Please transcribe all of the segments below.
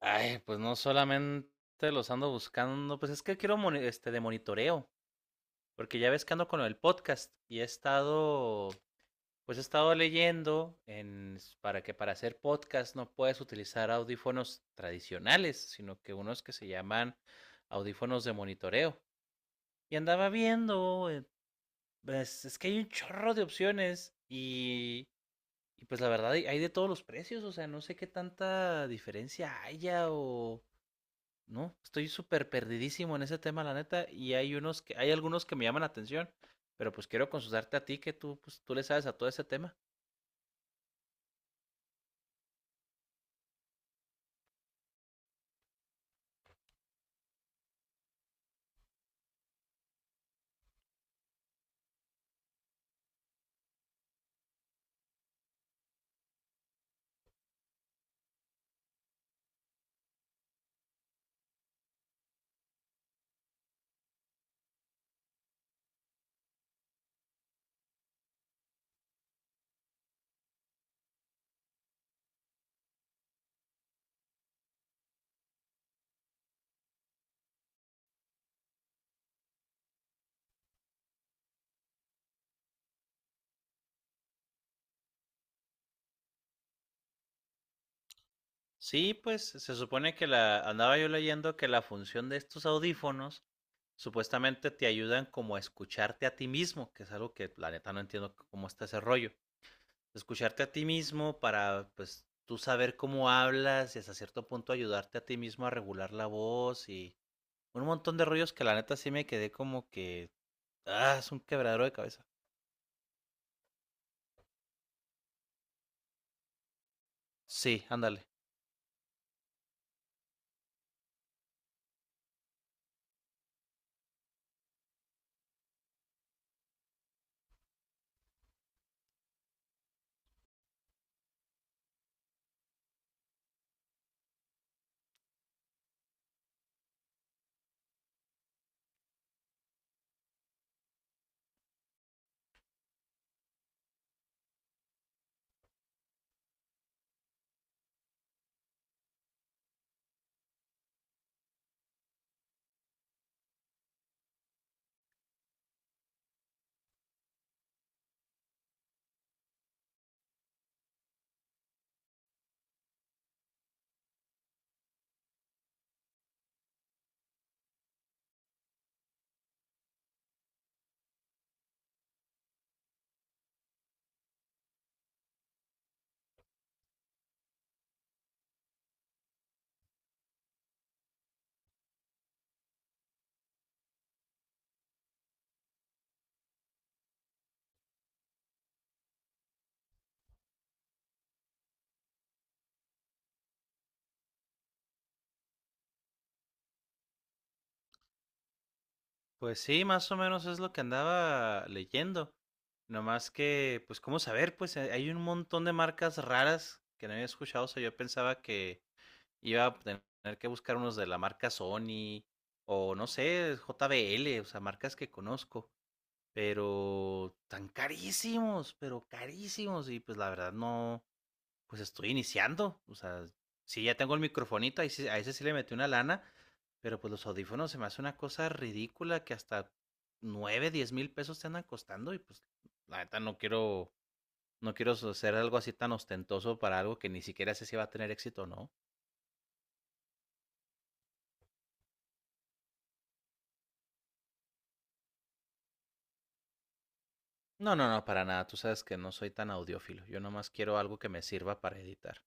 Ay, pues no solamente los ando buscando, pues es que quiero de monitoreo, porque ya ves que ando con el podcast y he estado leyendo en s- para que para hacer podcast no puedes utilizar audífonos tradicionales, sino que unos que se llaman audífonos de monitoreo. Y andaba viendo, pues, es que hay un chorro de opciones y pues la verdad hay de todos los precios. O sea, no sé qué tanta diferencia haya o no, estoy súper perdidísimo en ese tema, la neta, y hay unos que, hay algunos que me llaman la atención, pero pues quiero consultarte a ti que tú, pues, tú le sabes a todo ese tema. Sí, pues se supone que la, andaba yo leyendo que la función de estos audífonos supuestamente te ayudan como a escucharte a ti mismo, que es algo que la neta no entiendo cómo está ese rollo. Escucharte a ti mismo para pues tú saber cómo hablas y hasta cierto punto ayudarte a ti mismo a regular la voz y un montón de rollos que la neta sí me quedé como que. Ah, es un quebradero de cabeza. Sí, ándale. Pues sí, más o menos es lo que andaba leyendo. Nomás que, pues, ¿cómo saber? Pues hay un montón de marcas raras que no había escuchado. O sea, yo pensaba que iba a tener que buscar unos de la marca Sony o no sé, JBL, o sea, marcas que conozco. Pero tan carísimos, pero carísimos. Y pues la verdad no, pues estoy iniciando. O sea, sí, ya tengo el microfonito, a ese sí le metí una lana, pero pues los audífonos se me hace una cosa ridícula que hasta 9, 10,000 pesos te andan costando y pues la neta no quiero, no quiero hacer algo así tan ostentoso para algo que ni siquiera sé si va a tener éxito o no. No, no, no, para nada. Tú sabes que no soy tan audiófilo. Yo nomás quiero algo que me sirva para editar.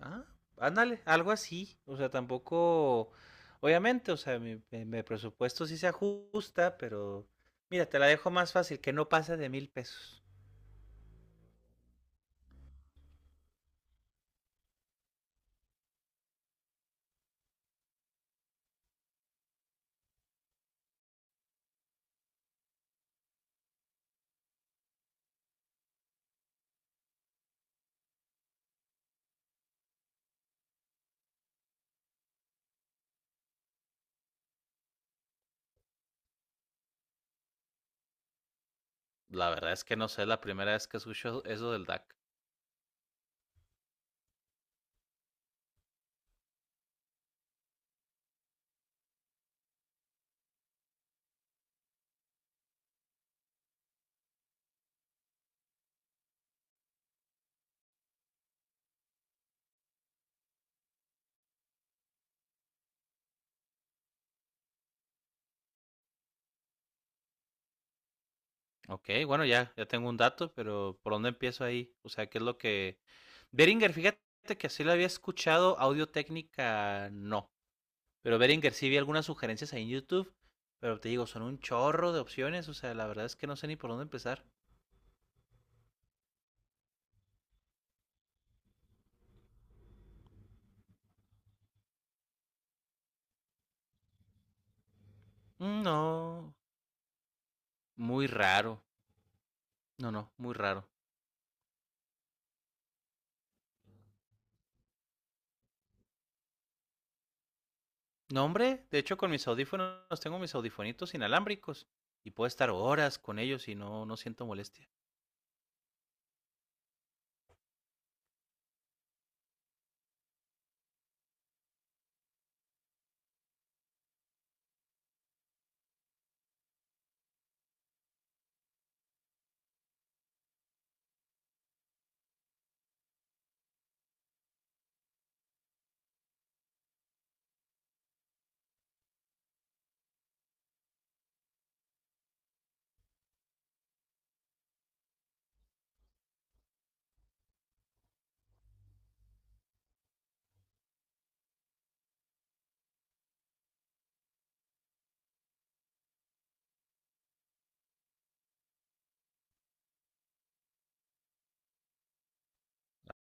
Ah, ándale, algo así. O sea, tampoco, obviamente, o sea, mi presupuesto sí se ajusta, pero mira, te la dejo más fácil, que no pasa de 1,000 pesos. La verdad es que no sé, la primera vez que escucho eso del DAC. Ok, bueno, ya, ya tengo un dato, pero ¿por dónde empiezo ahí? O sea, ¿qué es lo que... Beringer, fíjate que así lo había escuchado, Audio Técnica no. Pero Beringer sí vi algunas sugerencias ahí en YouTube, pero te digo, son un chorro de opciones, o sea, la verdad es que no sé ni por dónde empezar. Mm, no. Muy raro. No, no, muy raro. No, hombre, de hecho con mis audífonos tengo mis audifonitos inalámbricos y puedo estar horas con ellos y no, no siento molestia.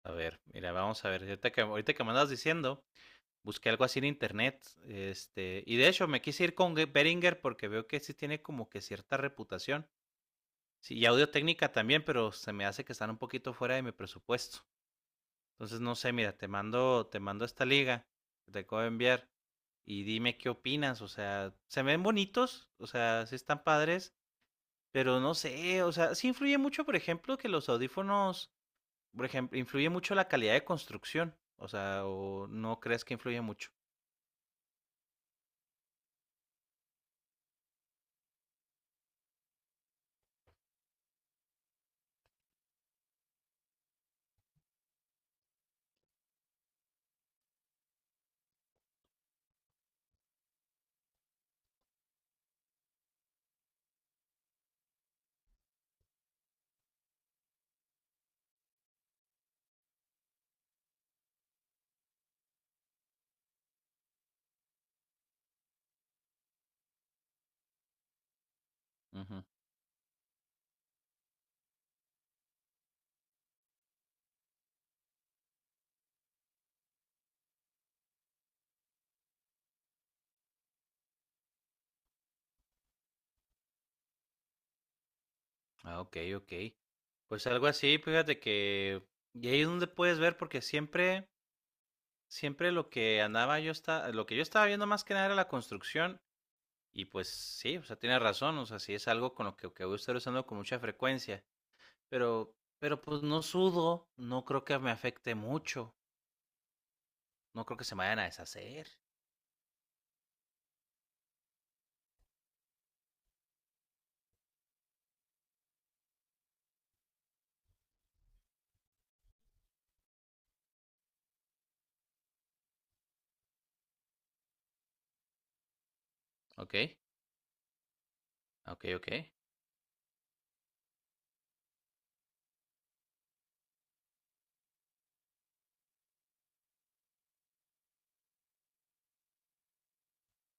A ver, mira, vamos a ver, ahorita que me andas diciendo, busqué algo así en internet, y de hecho me quise ir con Beringer porque veo que sí tiene como que cierta reputación. Sí, y audio técnica también, pero se me hace que están un poquito fuera de mi presupuesto. Entonces, no sé, mira, te mando esta liga que te acabo de enviar y dime qué opinas. O sea, se ven bonitos, o sea, sí están padres, pero no sé, o sea, sí influye mucho, por ejemplo, que los audífonos, por ejemplo, influye mucho la calidad de construcción. O sea, ¿o no crees que influye mucho? Ujú. Ah, ok, ok. Pues algo así, fíjate que. Y ahí es donde puedes ver, porque siempre, siempre lo que andaba yo está, lo que yo estaba viendo más que nada era la construcción. Y pues sí, o sea, tiene razón, o sea, sí es algo con lo que voy a estar usando con mucha frecuencia, pero, pues no sudo, no creo que me afecte mucho, no creo que se me vayan a deshacer. Ok, ok, ok.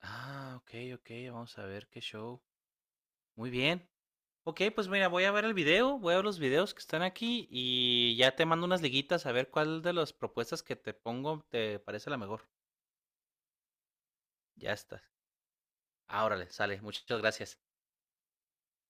Ah, ok, ok, vamos a ver qué show. Muy bien. Ok, pues mira, voy a ver el video, voy a ver los videos que están aquí y ya te mando unas liguitas a ver cuál de las propuestas que te pongo te parece la mejor. Ya está. Ah, órale, sale. Muchas gracias.